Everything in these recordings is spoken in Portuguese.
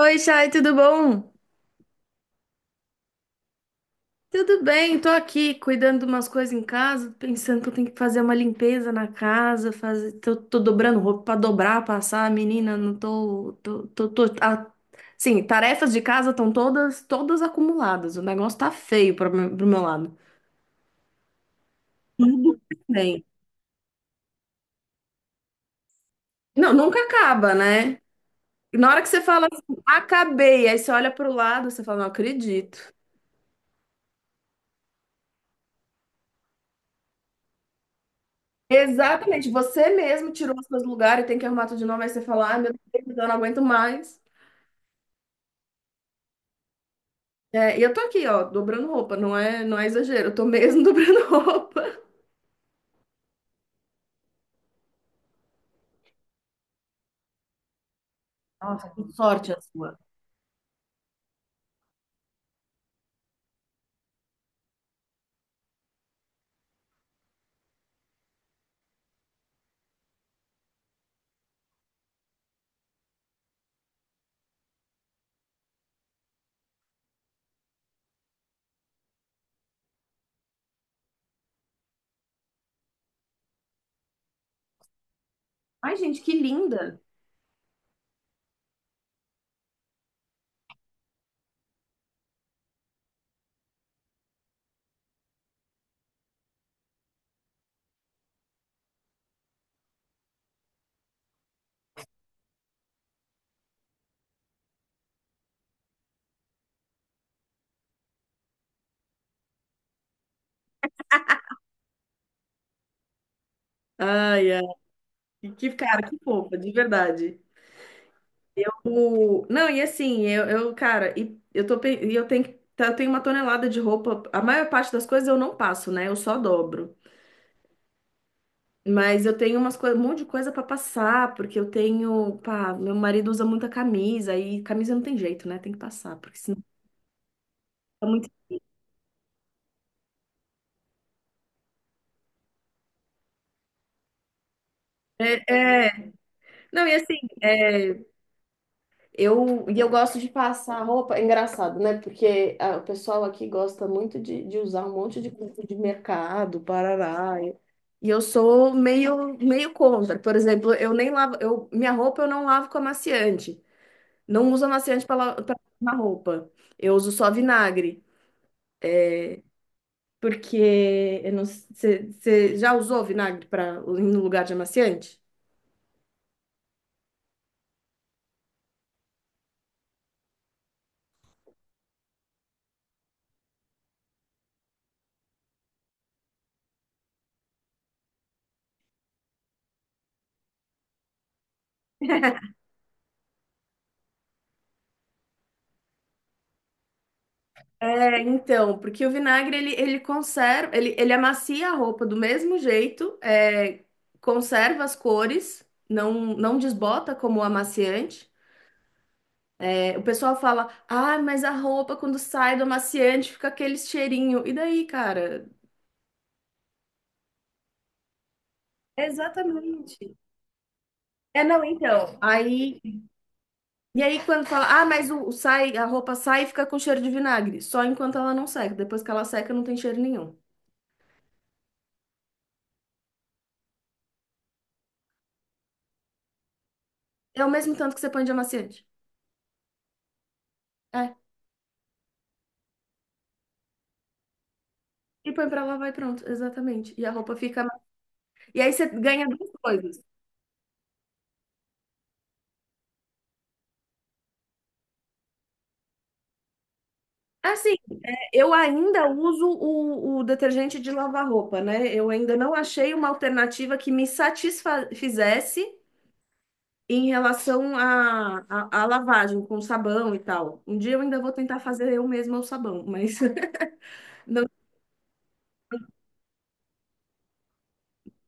Oi, Chay, tudo bom? Tudo bem, tô aqui cuidando de umas coisas em casa, pensando que eu tenho que fazer uma limpeza na casa, fazer, tô dobrando roupa pra dobrar, passar, menina, não sim, tarefas de casa estão todas acumuladas, o negócio tá feio pro meu lado. Tudo bem. Não, nunca acaba, né? Na hora que você fala assim, acabei, aí você olha pro lado, você fala, não acredito. Exatamente, você mesmo tirou os seus lugares, tem que arrumar tudo de novo, aí você fala, ai meu Deus, eu não aguento mais. É, e eu tô aqui, ó, dobrando roupa, não é exagero, eu tô mesmo dobrando roupa. Nossa, que sorte a sua. Ai, gente, que linda! Ai, ai, cara, que fofa, de verdade. Não, e assim, cara, eu tenho uma tonelada de roupa, a maior parte das coisas eu não passo, né? Eu só dobro. Mas eu tenho um monte de coisa para passar, porque eu tenho, pá, meu marido usa muita camisa e camisa não tem jeito, né? Tem que passar, porque senão fica muito. É, é. Não, e assim, é, e eu gosto de passar roupa, é engraçado, né? Porque ah, o pessoal aqui gosta muito de usar um monte de coisa de mercado, parará. E eu sou meio contra. Por exemplo, eu nem lavo, minha roupa eu não lavo com amaciante. Não uso amaciante para lavar roupa. Eu uso só vinagre. Porque eu não, sei- você já usou vinagre para no lugar de amaciante? É, então, porque o vinagre ele conserva, ele amacia a roupa do mesmo jeito, é, conserva as cores, não desbota como o amaciante. É, o pessoal fala, ah, mas a roupa quando sai do amaciante fica aquele cheirinho. E daí, cara? Exatamente. É, não, então. Aí e aí, quando fala, ah, mas a roupa sai e fica com cheiro de vinagre. Só enquanto ela não seca. Depois que ela seca, não tem cheiro nenhum. É o mesmo tanto que você põe de amaciante. É. E põe pra lavar e pronto. Exatamente. E a roupa fica. E aí você ganha duas coisas. É. Assim, eu ainda uso o detergente de lavar roupa, né? Eu ainda não achei uma alternativa que me satisfizesse em relação à lavagem com sabão e tal. Um dia eu ainda vou tentar fazer eu mesma o sabão, mas. Não,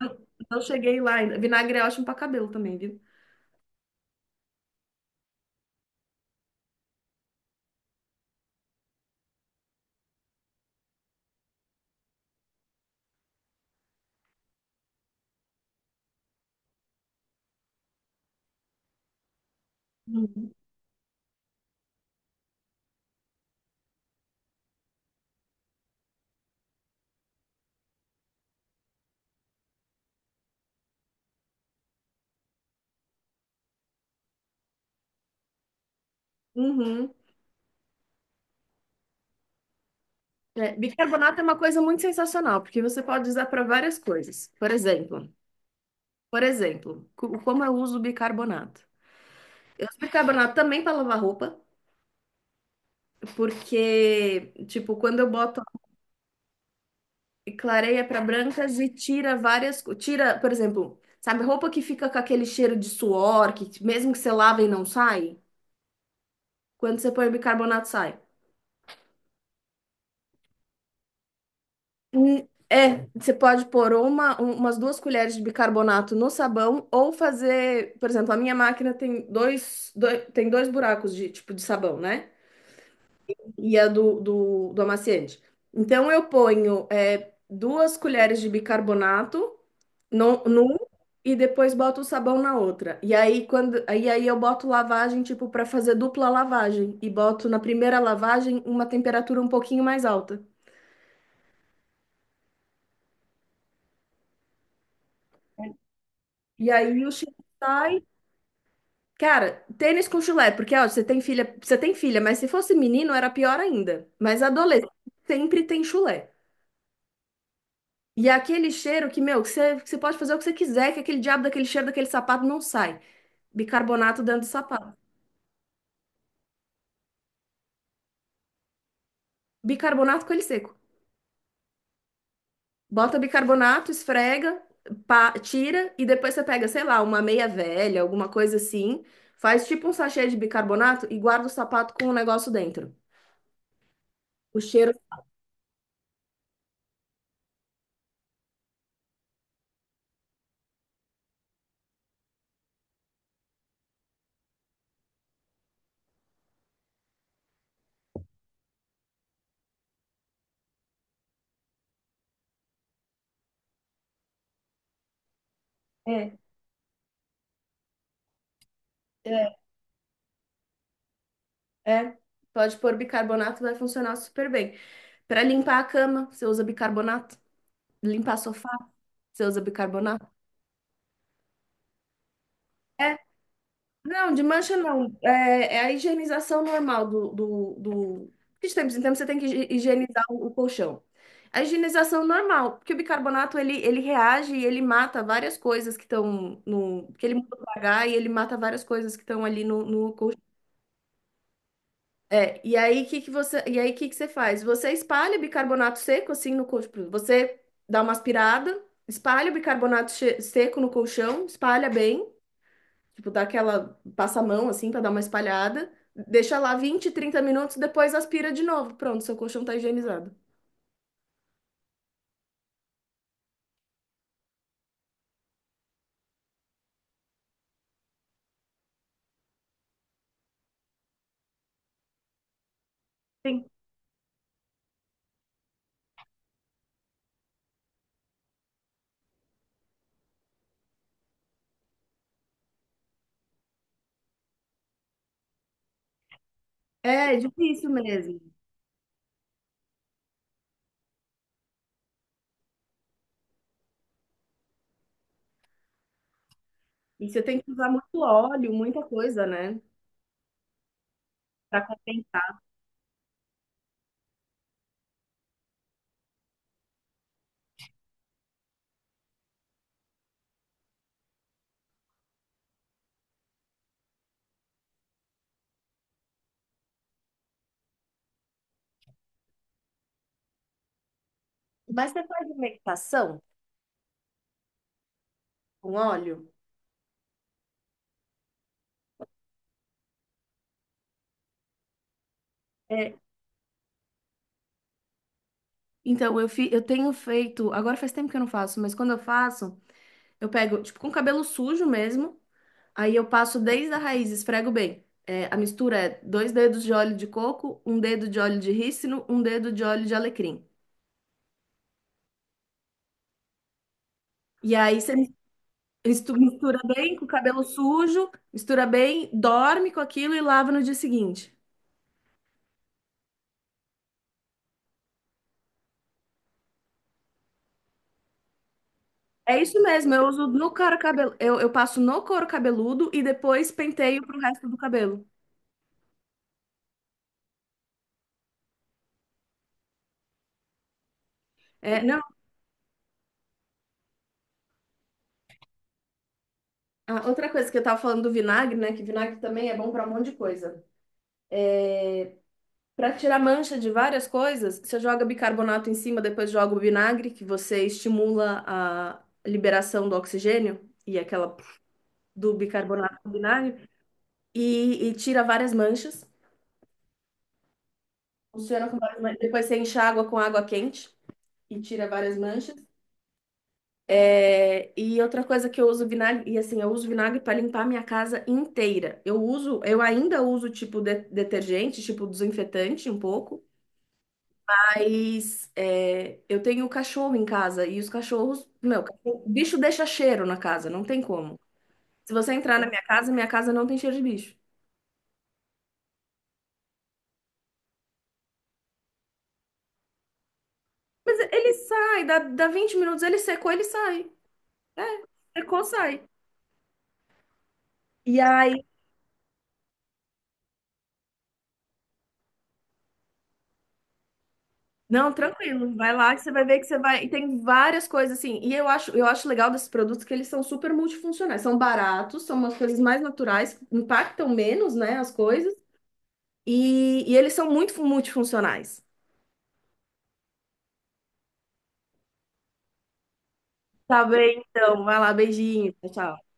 eu não cheguei lá ainda. Vinagre é ótimo pra cabelo também, viu? Uhum. Uhum. É, bicarbonato é uma coisa muito sensacional, porque você pode usar para várias coisas. Por exemplo, como eu uso bicarbonato? Eu uso bicarbonato também para lavar roupa, porque, tipo, quando eu boto clareia para brancas e tira várias, tira, por exemplo, sabe, roupa que fica com aquele cheiro de suor, que mesmo que você lave e não sai, quando você põe bicarbonato sai. Hum, É, você pode pôr umas duas colheres de bicarbonato no sabão ou fazer, por exemplo, a minha máquina tem dois buracos de tipo de sabão, né? E a do amaciante. Então eu ponho duas colheres de bicarbonato no, num e depois boto o sabão na outra. E aí aí eu boto lavagem tipo para fazer dupla lavagem e boto na primeira lavagem uma temperatura um pouquinho mais alta. E aí o chá. Cara, tênis com chulé, porque ó, você tem filha, mas se fosse menino era pior ainda. Mas adolescente sempre tem chulé. E é aquele cheiro que, meu, que você pode fazer o que você quiser, que aquele diabo daquele cheiro daquele sapato não sai. Bicarbonato dentro do sapato. Bicarbonato com ele seco. Bota bicarbonato, esfrega, pá, tira e depois você pega, sei lá, uma meia velha, alguma coisa assim, faz tipo um sachê de bicarbonato e guarda o sapato com o negócio dentro. O cheiro. É. É, É, pode pôr bicarbonato, vai funcionar super bem. Para limpar a cama, você usa bicarbonato. Limpar sofá, você usa bicarbonato. É, não, de mancha não. É, é a higienização normal do. Porque de tempos em tempos você tem que higienizar o colchão. A higienização normal, porque o bicarbonato ele reage e ele mata várias coisas que estão no. Porque ele muda o pH e ele mata várias coisas que estão ali no colchão. É, e aí que você faz? Você espalha bicarbonato seco assim no colchão. Você dá uma aspirada, espalha o bicarbonato seco no colchão, espalha bem, tipo dá aquela passa a mão assim para dar uma espalhada, deixa lá 20, 30 minutos, depois aspira de novo. Pronto, seu colchão tá higienizado. Sim. É, é difícil mesmo. E você tem que usar muito óleo, muita coisa, né? Pra compensar. Mas você faz uma meditação com óleo? Então, eu tenho feito. Agora faz tempo que eu não faço, mas quando eu faço, eu pego, tipo, com cabelo sujo mesmo. Aí eu passo desde a raiz, esfrego bem. É, a mistura é dois dedos de óleo de coco, um dedo de óleo de rícino, um dedo de óleo de alecrim. E aí você mistura bem com o cabelo sujo, mistura bem, dorme com aquilo e lava no dia seguinte. É isso mesmo, eu uso no couro cabelo, eu passo no couro cabeludo e depois penteio pro resto do cabelo. É, não, ah, outra coisa que eu tava falando do vinagre, né? Que vinagre também é bom pra um monte de coisa. Pra tirar mancha de várias coisas, você joga bicarbonato em cima, depois joga o vinagre, que você estimula a liberação do oxigênio e aquela do bicarbonato com vinagre e tira várias manchas. Funciona com várias manchas. Depois você enxágua com água quente e tira várias manchas. É, e outra coisa que eu uso vinagre, e assim, eu uso vinagre para limpar a minha casa inteira. Eu uso, eu ainda uso tipo detergente, tipo desinfetante um pouco, mas é, eu tenho cachorro em casa e os cachorros, meu, bicho deixa cheiro na casa, não tem como. Se você entrar na minha casa não tem cheiro de bicho. Mas ele sai, dá 20 minutos, ele secou, ele sai. É, secou, sai. E aí não, tranquilo. Vai lá que você vai ver que você vai. E tem várias coisas assim. E eu acho legal desses produtos que eles são super multifuncionais. São baratos, são umas coisas mais naturais, impactam menos, né, as coisas. E eles são muito multifuncionais. Tá bem, então. Vai lá, beijinho. Tchau. Tchau.